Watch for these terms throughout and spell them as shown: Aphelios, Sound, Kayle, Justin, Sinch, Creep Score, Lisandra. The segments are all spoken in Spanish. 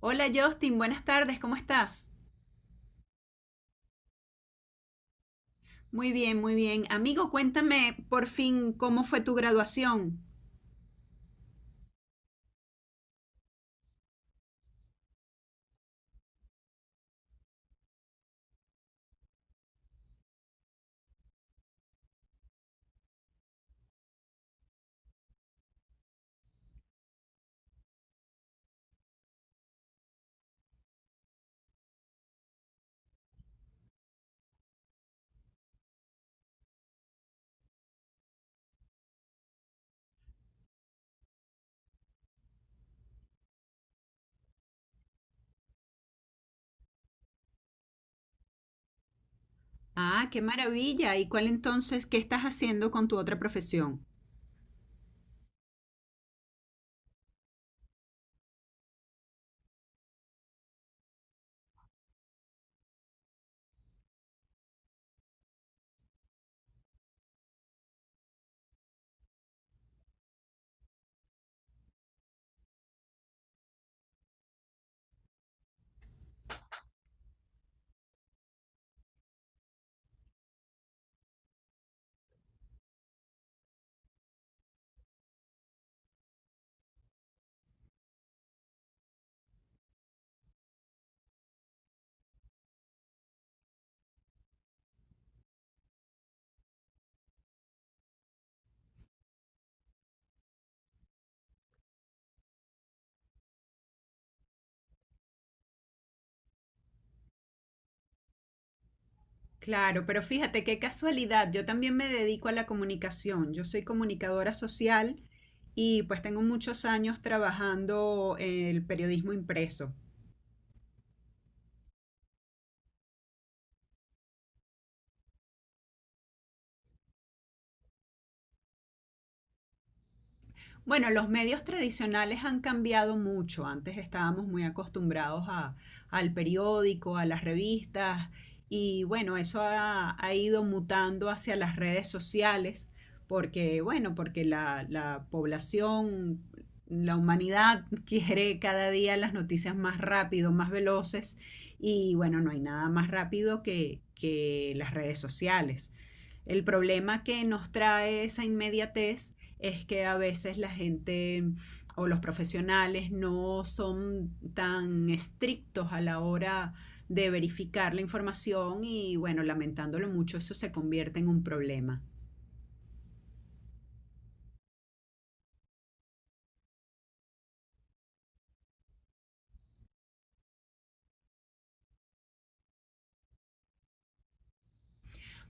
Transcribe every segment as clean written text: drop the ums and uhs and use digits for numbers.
Hola Justin, buenas tardes, ¿cómo estás? Muy bien, muy bien. Amigo, cuéntame por fin cómo fue tu graduación. Ah, qué maravilla. ¿Y cuál entonces, qué estás haciendo con tu otra profesión? Claro, pero fíjate qué casualidad. Yo también me dedico a la comunicación. Yo soy comunicadora social y pues tengo muchos años trabajando el periodismo impreso. Bueno, los medios tradicionales han cambiado mucho. Antes estábamos muy acostumbrados al periódico, a las revistas y bueno, eso ha ido mutando hacia las redes sociales porque bueno, porque la población, la humanidad quiere cada día las noticias más rápido, más veloces y bueno, no hay nada más rápido que las redes sociales. El problema que nos trae esa inmediatez es que a veces la gente o los profesionales no son tan estrictos a la hora de verificar la información y bueno, lamentándolo mucho, eso se convierte en un problema.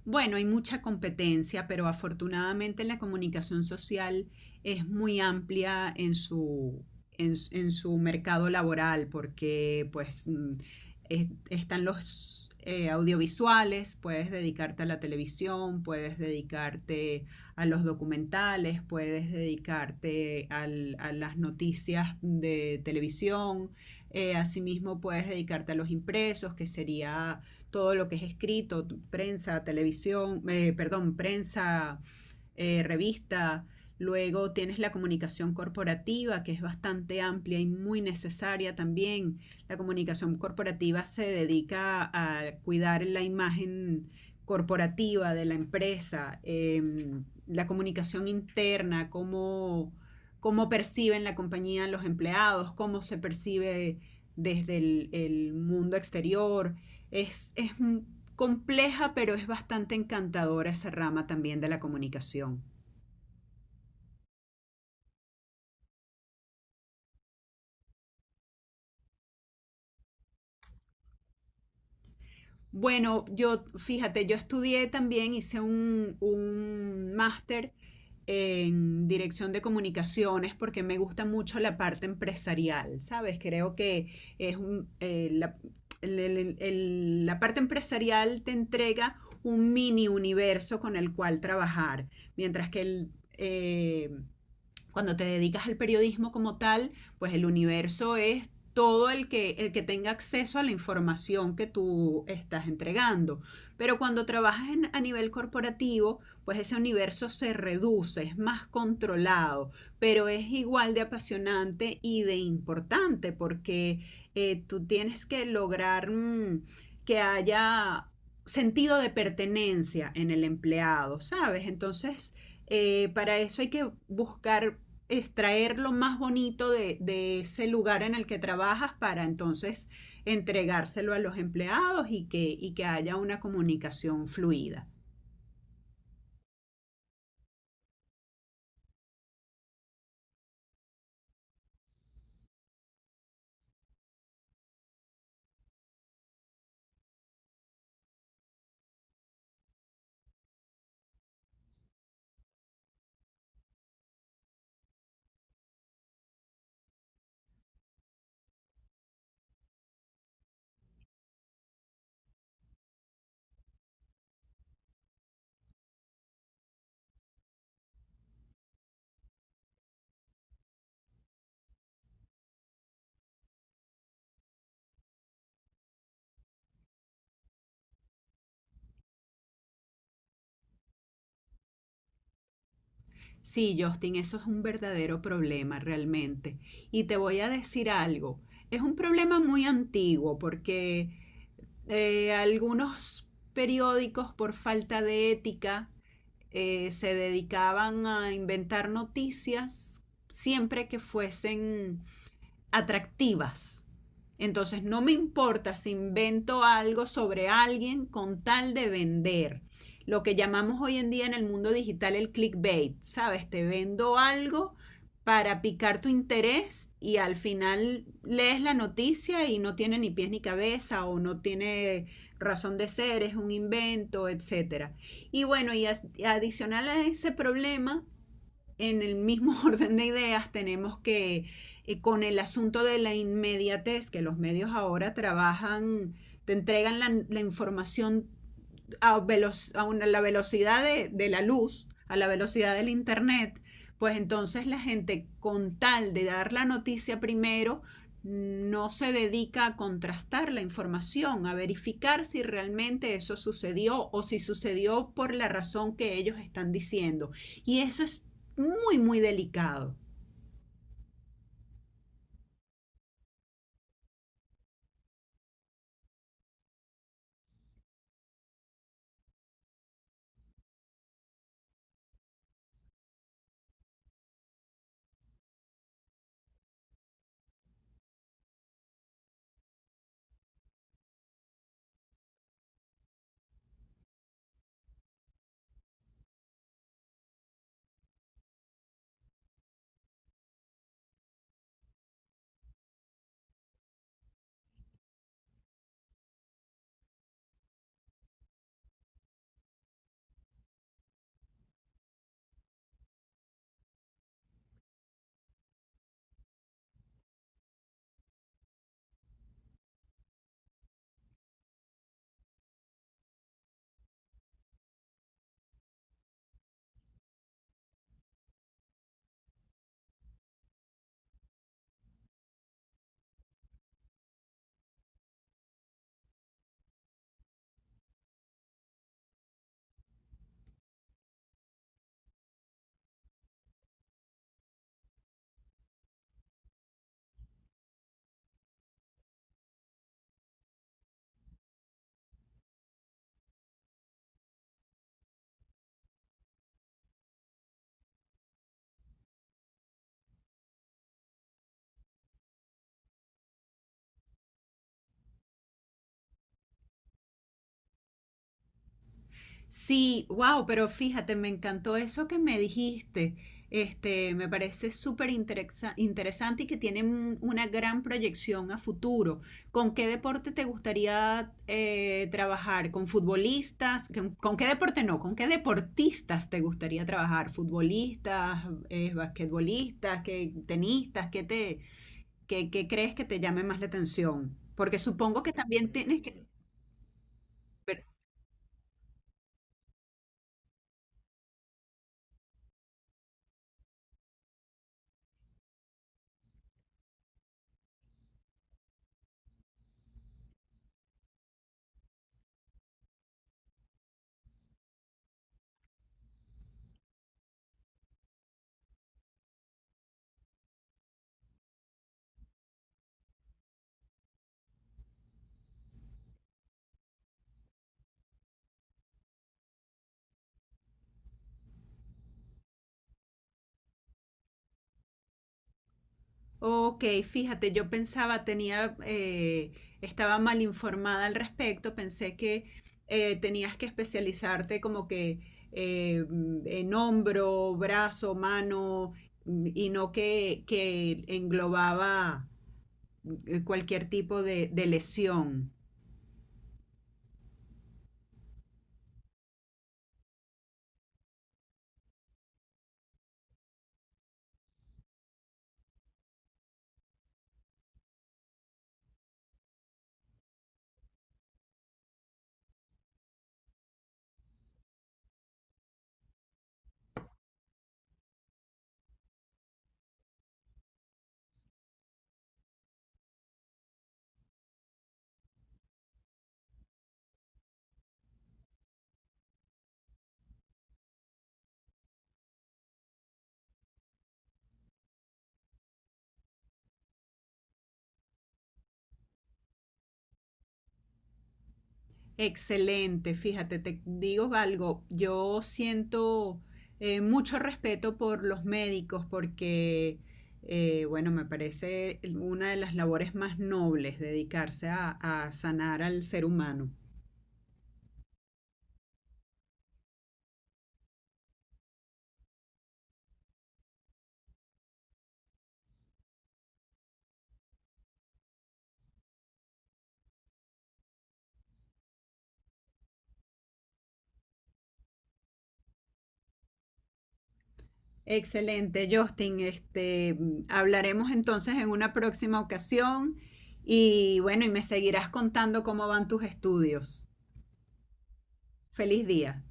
Bueno, hay mucha competencia, pero afortunadamente la comunicación social es muy amplia en en, en su mercado laboral, porque pues están los audiovisuales, puedes dedicarte a la televisión, puedes dedicarte a los documentales, puedes dedicarte a las noticias de televisión, asimismo puedes dedicarte a los impresos, que sería todo lo que es escrito, prensa, televisión, perdón, prensa, revista. Luego tienes la comunicación corporativa, que es bastante amplia y muy necesaria también. La comunicación corporativa se dedica a cuidar la imagen corporativa de la empresa, la comunicación interna, cómo, cómo perciben la compañía los empleados, cómo se percibe desde el mundo exterior, es compleja, pero es bastante encantadora esa rama también de la comunicación. Bueno, yo, fíjate, yo estudié también, hice un máster en dirección de comunicaciones porque me gusta mucho la parte empresarial, ¿sabes? Creo que es un, la parte empresarial te entrega un mini universo con el cual trabajar, mientras que el, eh, cuando te dedicas al periodismo como tal, pues el universo es todo el que tenga acceso a la información que tú estás entregando. Pero cuando trabajas en, a nivel corporativo, pues ese universo se reduce, es más controlado, pero es igual de apasionante y de importante porque tú tienes que lograr que haya sentido de pertenencia en el empleado, ¿sabes? Entonces, para eso hay que buscar extraer lo más bonito de ese lugar en el que trabajas para entonces entregárselo a los empleados y que haya una comunicación fluida. Sí, Justin, eso es un verdadero problema realmente. Y te voy a decir algo, es un problema muy antiguo porque algunos periódicos por falta de ética se dedicaban a inventar noticias siempre que fuesen atractivas. Entonces no me importa si invento algo sobre alguien con tal de vender. Lo que llamamos hoy en día en el mundo digital el clickbait, ¿sabes? Te vendo algo para picar tu interés y al final lees la noticia y no tiene ni pies ni cabeza o no tiene razón de ser, es un invento, etcétera. Y bueno, y adicional a ese problema en el mismo orden de ideas tenemos que con el asunto de la inmediatez que los medios ahora trabajan, te entregan la información a, velo a una, la velocidad de la luz, a la velocidad del Internet, pues entonces la gente con tal de dar la noticia primero, no se dedica a contrastar la información, a verificar si realmente eso sucedió o si sucedió por la razón que ellos están diciendo. Y eso es muy, muy delicado. Sí, wow, pero fíjate, me encantó eso que me dijiste. Este, me parece súper interesante y que tiene una gran proyección a futuro. ¿Con qué deporte te gustaría trabajar? ¿Con futbolistas? Con qué deporte no? ¿Con qué deportistas te gustaría trabajar? ¿Futbolistas, basquetbolistas, tenistas? ¿Qué te, qué, qué crees que te llame más la atención? Porque supongo que también tienes que... Ok, fíjate, yo pensaba, tenía, estaba mal informada al respecto, pensé que tenías que especializarte como que en hombro, brazo, mano, y no que, que englobaba cualquier tipo de lesión. Excelente, fíjate, te digo algo, yo siento mucho respeto por los médicos porque, bueno, me parece una de las labores más nobles dedicarse a sanar al ser humano. Excelente, Justin, este, hablaremos entonces en una próxima ocasión y bueno, y me seguirás contando cómo van tus estudios. Feliz día.